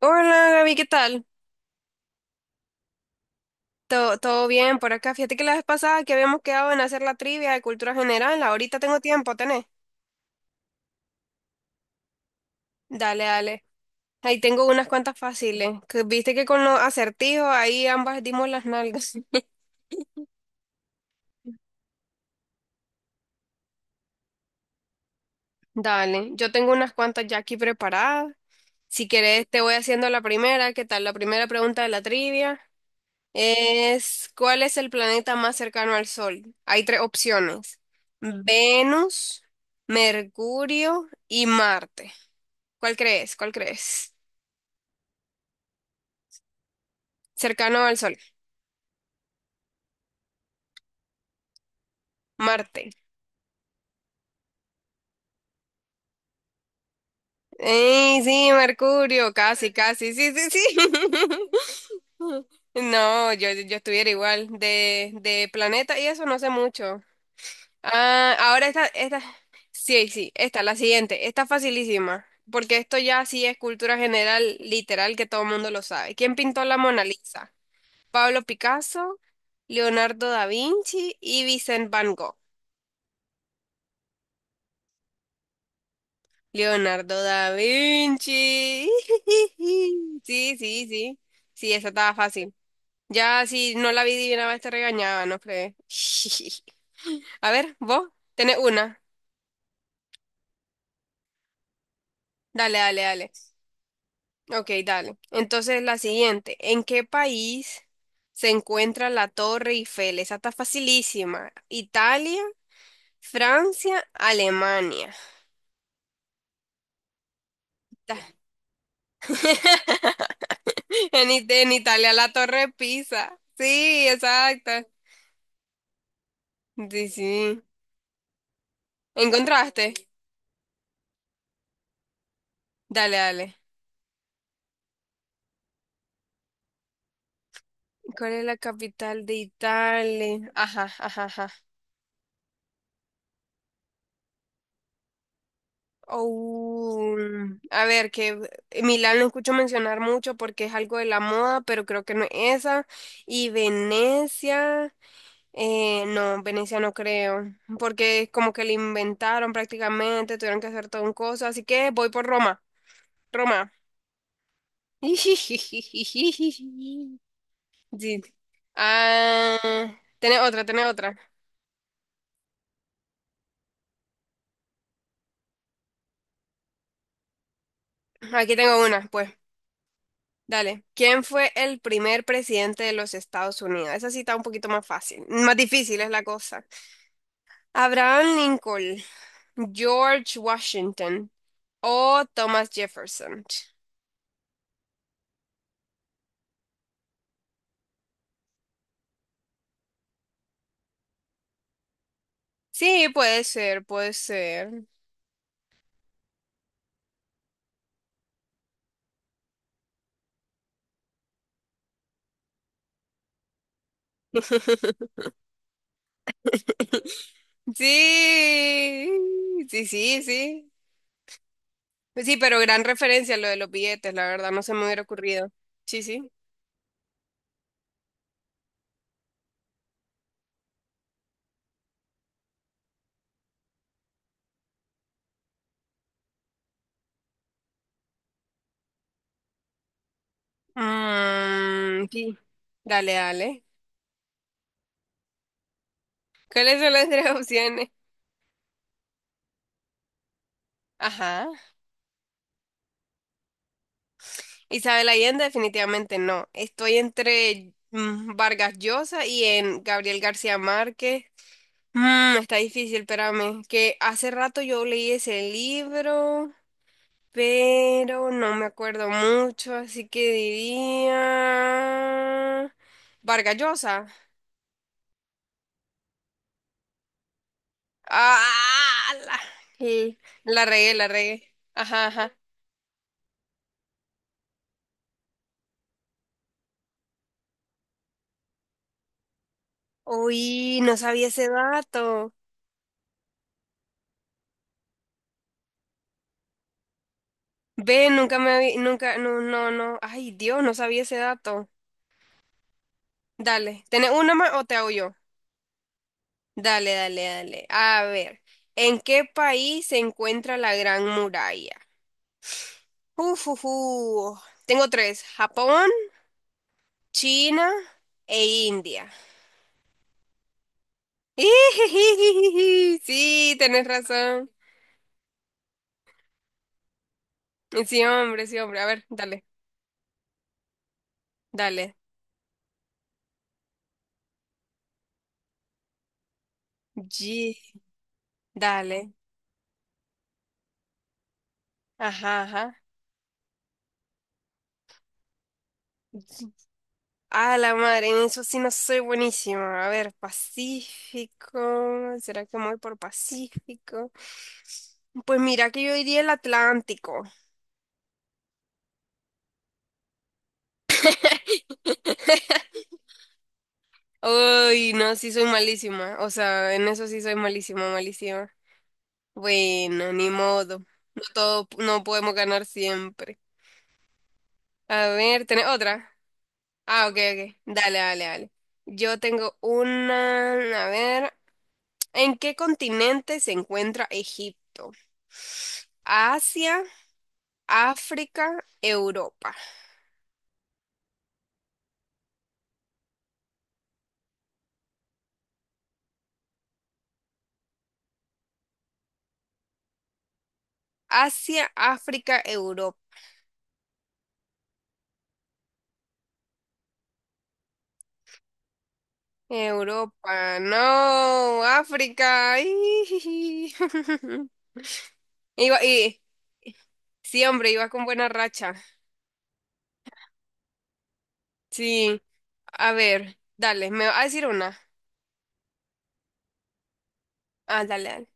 Hola Gaby, ¿qué tal? ¿Todo bien por acá. Fíjate que la vez pasada que habíamos quedado en hacer la trivia de cultura general, ahorita tengo tiempo, ¿tenés? Dale, dale. Ahí tengo unas cuantas fáciles, que viste que con los acertijos ahí ambas dimos las nalgas. Dale, yo tengo unas cuantas ya aquí preparadas. Si querés, te voy haciendo la primera. ¿Qué tal? La primera pregunta de la trivia es, ¿cuál es el planeta más cercano al Sol? Hay tres opciones. Venus, Mercurio y Marte. ¿Cuál crees? ¿Cuál crees? Cercano al Sol. Marte. ¡Ey, sí, Mercurio! Casi, casi. Sí, sí, sí. No, yo estuviera igual. De planeta y eso no sé mucho. Ah, ahora esta, la siguiente, esta facilísima, porque esto ya sí es cultura general, literal, que todo el mundo lo sabe. ¿Quién pintó la Mona Lisa? Pablo Picasso, Leonardo da Vinci y Vincent Van Gogh. Leonardo da Vinci. Sí, sí, sí. Sí, esa estaba fácil. Ya si no la adivinaba, te regañaba, no crees. A ver, vos tenés una. Dale, dale, dale. Ok, dale. Entonces la siguiente, ¿en qué país se encuentra la Torre Eiffel? Esa está facilísima. Italia, Francia, Alemania. Ta- en Italia la Torre Pisa. Sí, exacto. Sí, sí. ¿Encontraste? Dale, dale. ¿Cuál es la capital de Italia? Ajá, ajá, ajá. Oh, a ver, que Milán lo escucho mencionar mucho porque es algo de la moda, pero creo que no es esa. Y Venecia, no, Venecia no creo, porque es como que le inventaron prácticamente, tuvieron que hacer todo un coso, así que voy por Roma, Roma. Sí. Ah, tenés otra, tenés otra. Aquí tengo una, pues. Dale. ¿Quién fue el primer presidente de los Estados Unidos? Esa sí está un poquito más fácil, más difícil es la cosa. Abraham Lincoln, George Washington o Thomas Jefferson. Sí, puede ser, puede ser. Sí, sí, sí, sí. Pues sí, pero gran referencia lo de los billetes, la verdad, no se me hubiera ocurrido. Sí, sí. Mm, sí. Dale, dale. ¿Cuáles son las tres opciones? Ajá. Isabel Allende definitivamente no. Estoy entre Vargas Llosa y en Gabriel García Márquez. Mm, está difícil, espérame. Que hace rato yo leí ese libro, pero no me acuerdo mucho, así que diría Vargas Llosa. Ah, la, sí, la regué, la regué. Ajá, ajá. Uy, no sabía ese dato. Ve, nunca me había, nunca, no, no, no. Ay, Dios, no sabía ese dato. Dale, ¿tenés una más o te hago yo? Dale, dale, dale. A ver, ¿en qué país se encuentra la Gran Muralla? Uf, uf, uf. Tengo tres, Japón, China e India. Ijijijiji. Sí, tenés razón. Sí, hombre, sí, hombre. A ver, dale, dale. Ye- Dale. Ajá, ajá. A la madre, en eso sí no soy buenísima. A ver, Pacífico. ¿Será que me voy por Pacífico? Pues mira que yo iría el Atlántico. Uy, no, sí soy malísima. O sea, en eso sí soy malísima, malísima. Bueno, ni modo. No todo, no podemos ganar siempre. A ver, ¿tenés otra? Ah, ok, ok. Dale, dale, dale. Yo tengo una, a ver, ¿en qué continente se encuentra Egipto? Asia, África, Europa. Asia, África, Europa. Europa, no, África. ¡Ih! Iba, y sí, hombre, iba con buena racha. Sí, a ver, dale, me va a decir una. Ah, dale, dale.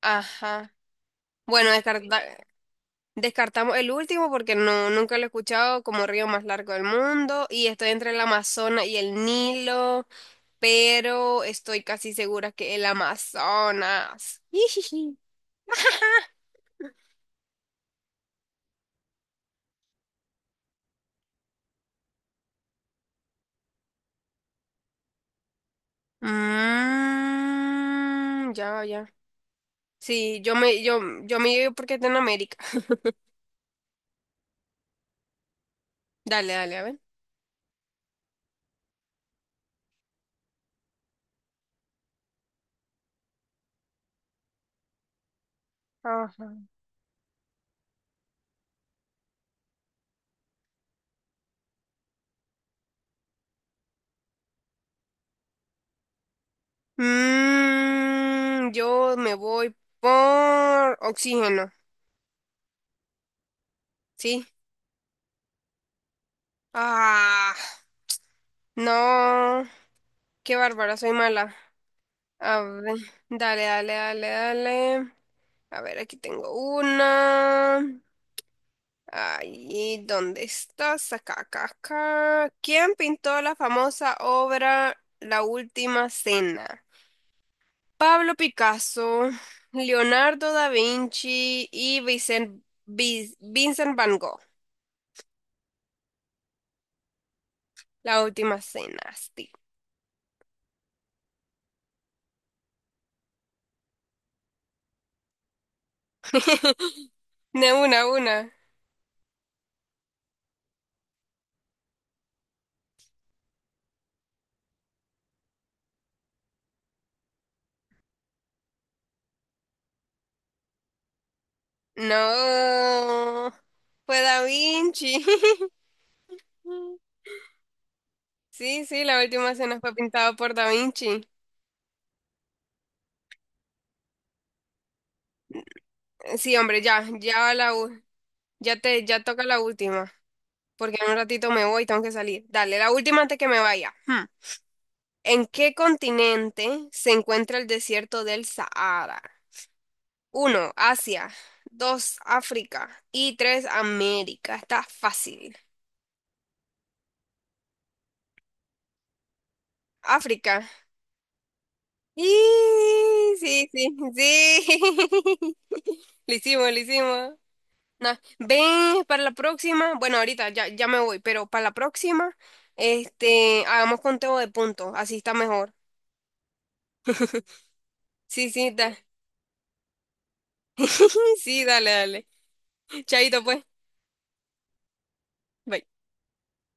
Ajá. Bueno, descarta. Descartamos el último porque no, nunca lo he escuchado como río más largo del mundo, y estoy entre el Amazonas y el Nilo, pero estoy casi segura que el Amazonas. Ijiji. Mm, ya, ya. Sí, yo me llevo porque está en América. Dale, dale, a ver. Ajá. Mm, yo me voy por oxígeno, ¿sí? Ah, no, qué bárbara, soy mala. A ver, dale, dale, dale, dale. A ver, aquí tengo una. Ahí, ¿dónde estás? Acá, acá, acá. ¿Quién pintó la famosa obra La Última Cena? Pablo Picasso, Leonardo da Vinci y Vincent Van Gogh. La Última Cena, sí. De una, una. No, fue Da Vinci. Sí, sí, la Última Cena fue pintado por Da Vinci. Sí, hombre, ya, ya la, u- ya te, ya toca la última, porque en un ratito me voy y tengo que salir. Dale, la última antes que me vaya. Hmm. ¿En qué continente se encuentra el desierto del Sahara? Uno, Asia. Dos, África. Y tres, América. Está fácil. África. Y sí, sí, sí. Lo hicimos, lo hicimos. No, ven para la próxima. Bueno, ahorita ya, ya me voy, pero para la próxima, este, hagamos conteo de puntos, así está mejor. Sí, sí, sí, dale, dale. Chaito, pues. Bye.